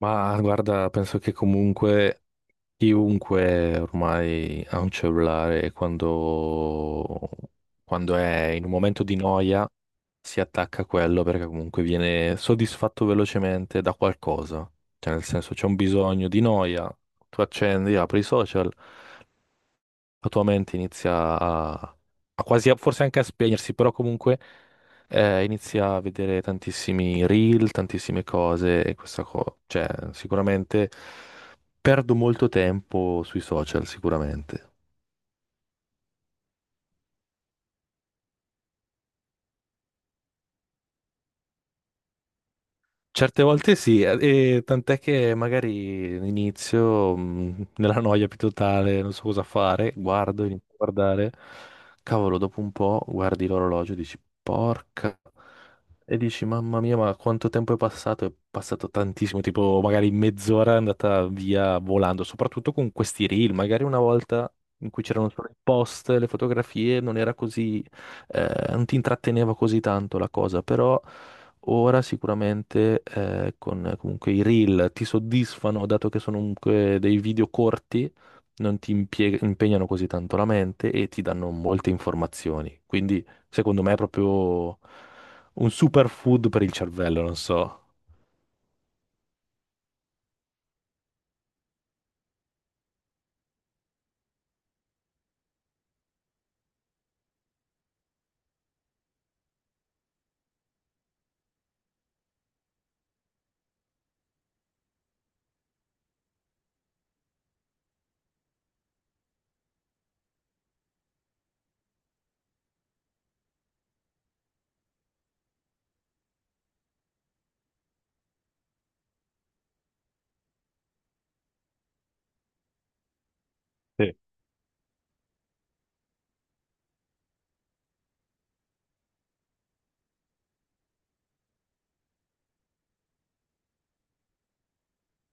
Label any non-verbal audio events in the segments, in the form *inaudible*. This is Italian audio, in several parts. Ma guarda, penso che comunque chiunque ormai ha un cellulare e quando è in un momento di noia si attacca a quello perché comunque viene soddisfatto velocemente da qualcosa. Cioè, nel senso, c'è un bisogno di noia, tu accendi, apri i social, la tua mente inizia a, a quasi, forse anche a spegnersi, però comunque inizia a vedere tantissimi reel, tantissime cose e questa cosa, cioè sicuramente perdo molto tempo sui social, sicuramente. Certe volte sì, e tant'è che magari inizio *laughs* nella noia più totale, non so cosa fare, guardo, inizio a guardare, cavolo, dopo un po' guardi l'orologio e dici porca, e dici mamma mia, ma quanto tempo è passato? È passato tantissimo, tipo magari mezz'ora è andata via volando, soprattutto con questi reel, magari una volta in cui c'erano solo i post, le fotografie, non era così, non ti intratteneva così tanto la cosa, però... Ora sicuramente con comunque i reel ti soddisfano, dato che sono comunque dei video corti, non ti impegnano così tanto la mente e ti danno molte informazioni. Quindi secondo me è proprio un superfood per il cervello, non so. Sì.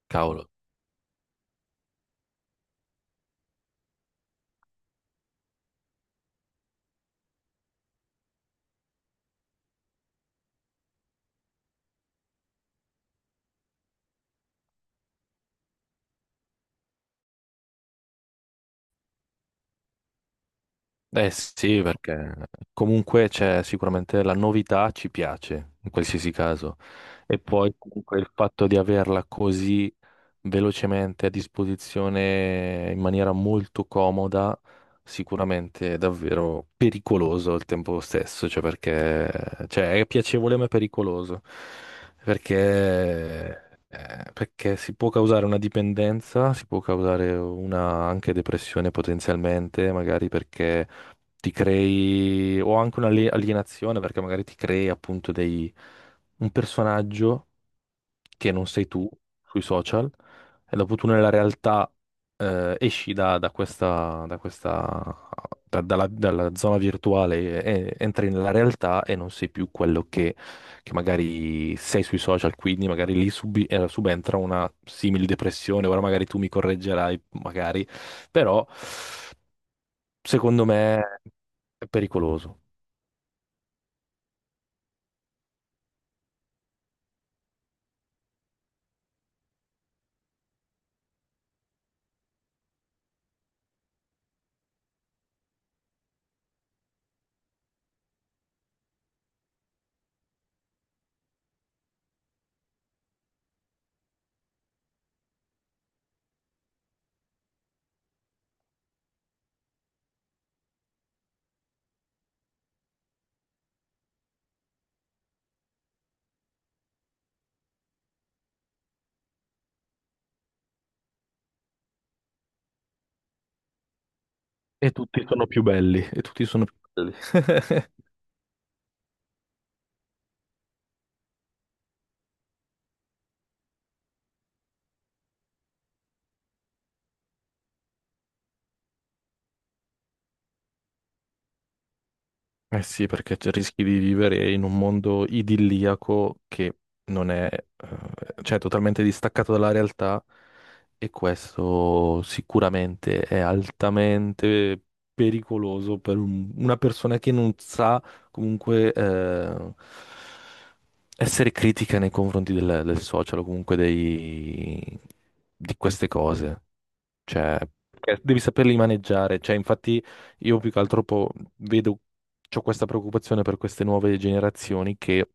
Cavolo. Eh sì, perché comunque c'è sicuramente la novità, ci piace in qualsiasi caso. E poi comunque il fatto di averla così velocemente a disposizione in maniera molto comoda, sicuramente è davvero pericoloso al tempo stesso, cioè perché, cioè è piacevole ma è pericoloso, perché, perché si può causare una dipendenza, si può causare una anche depressione potenzialmente, magari perché ti crei, o anche un'alienazione, perché magari ti crei appunto dei, un personaggio che non sei tu sui social e dopo tu nella realtà esci da questa, da questa, dalla, dalla zona virtuale e entri nella realtà e non sei più quello che magari sei sui social, quindi magari lì subentra una simile depressione, ora magari tu mi correggerai, magari, però secondo me è pericoloso. E tutti sono più belli, e tutti sono più belli. *laughs* Eh sì, perché rischi di vivere in un mondo idilliaco che non è, cioè, totalmente distaccato dalla realtà, e questo sicuramente è altamente pericoloso per una persona che non sa comunque essere critica nei confronti del social o comunque di queste cose. Cioè, perché devi saperli maneggiare. Cioè, infatti, io più che altro vedo, ho questa preoccupazione per queste nuove generazioni che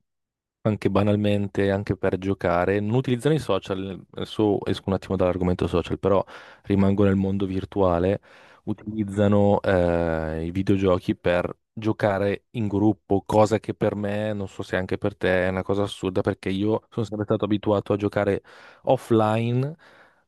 anche banalmente, anche per giocare, non utilizzano i social, adesso esco un attimo dall'argomento social, però rimango nel mondo virtuale, utilizzano i videogiochi per giocare in gruppo, cosa che per me, non so se anche per te, è una cosa assurda perché io sono sempre stato abituato a giocare offline,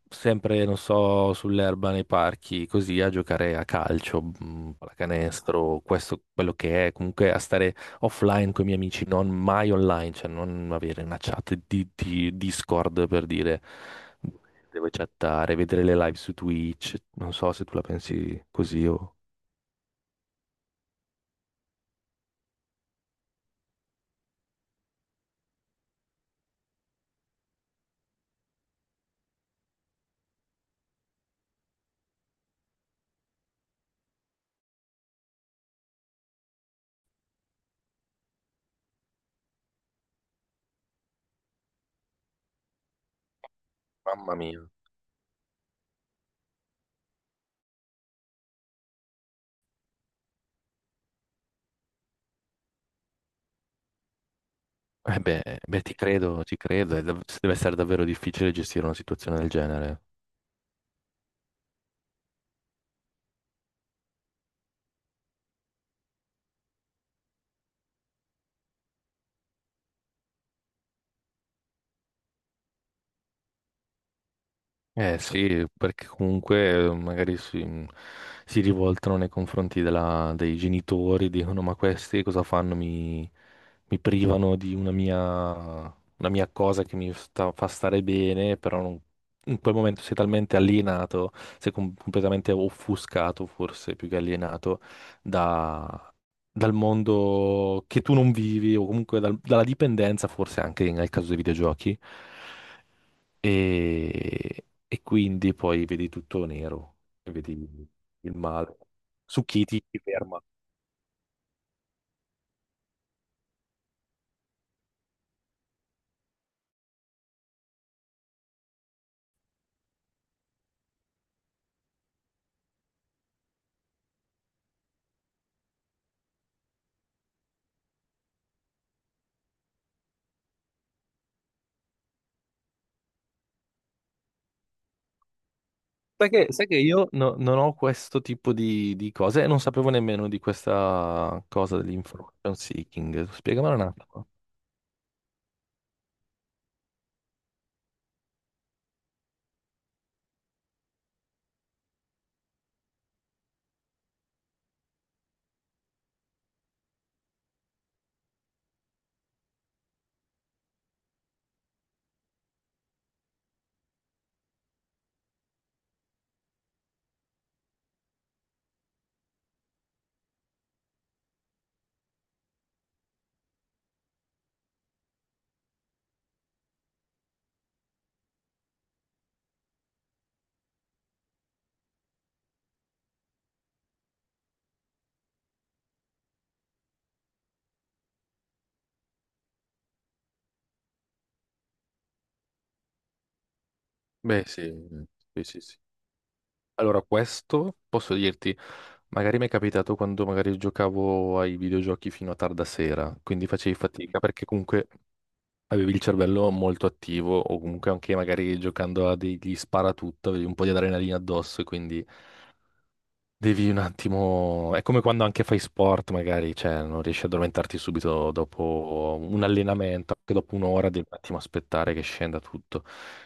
sempre, non so, sull'erba nei parchi, così a giocare a calcio, pallacanestro, questo quello che è, comunque a stare offline con i miei amici, non mai online, cioè non avere una chat di Discord per dire devo chattare, vedere le live su Twitch. Non so se tu la pensi così o... Mamma mia. Eh beh, beh, ti credo, è deve essere davvero difficile gestire una situazione del genere. Eh sì, perché comunque magari si, mm, si rivoltano nei confronti dei genitori, dicono ma questi cosa fanno? Mi privano di una mia cosa che fa stare bene, però in quel momento sei talmente alienato, sei completamente offuscato forse più che alienato da- dal mondo che tu non vivi o comunque dalla dipendenza forse anche nel caso dei videogiochi e quindi poi vedi tutto nero, e vedi il male. Su chi ti ferma? Sai che io non ho questo tipo di cose e non sapevo nemmeno di questa cosa dell'information seeking. Spiegamela un attimo. Beh, sì, sì. Allora, questo posso dirti, magari mi è capitato quando magari giocavo ai videogiochi fino a tarda sera, quindi facevi fatica perché comunque avevi il cervello molto attivo o comunque anche magari giocando a degli sparatutto, avevi un po' di adrenalina addosso e quindi devi un attimo, è come quando anche fai sport, magari, cioè, non riesci ad addormentarti subito dopo un allenamento, anche dopo un'ora devi un attimo aspettare che scenda tutto.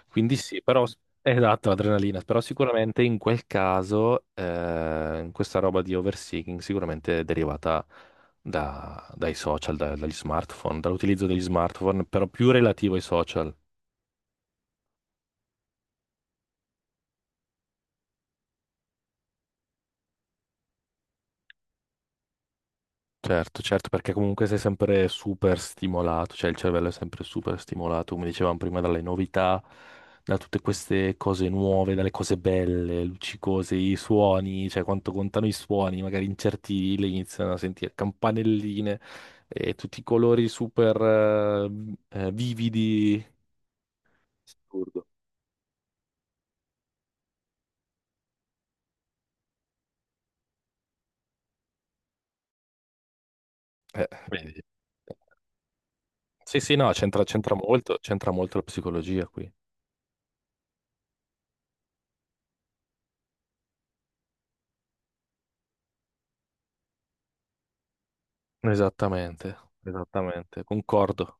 Quindi sì, però, esatto, l'adrenalina, però sicuramente in quel caso, in questa roba di overseeking, sicuramente è derivata dai social, dagli smartphone, dall'utilizzo degli smartphone, però più relativo ai social. Certo, certo, perché comunque sei sempre super stimolato, cioè il cervello è sempre super stimolato, come dicevamo prima, dalle novità, da tutte queste cose nuove, dalle cose belle, luccicose, i suoni, cioè quanto contano i suoni, magari in certi le iniziano a sentire campanelline e tutti i colori super vividi. Assurdo. Vedi. Sì, sì, no, c'entra molto la psicologia qui. Esattamente, esattamente, concordo.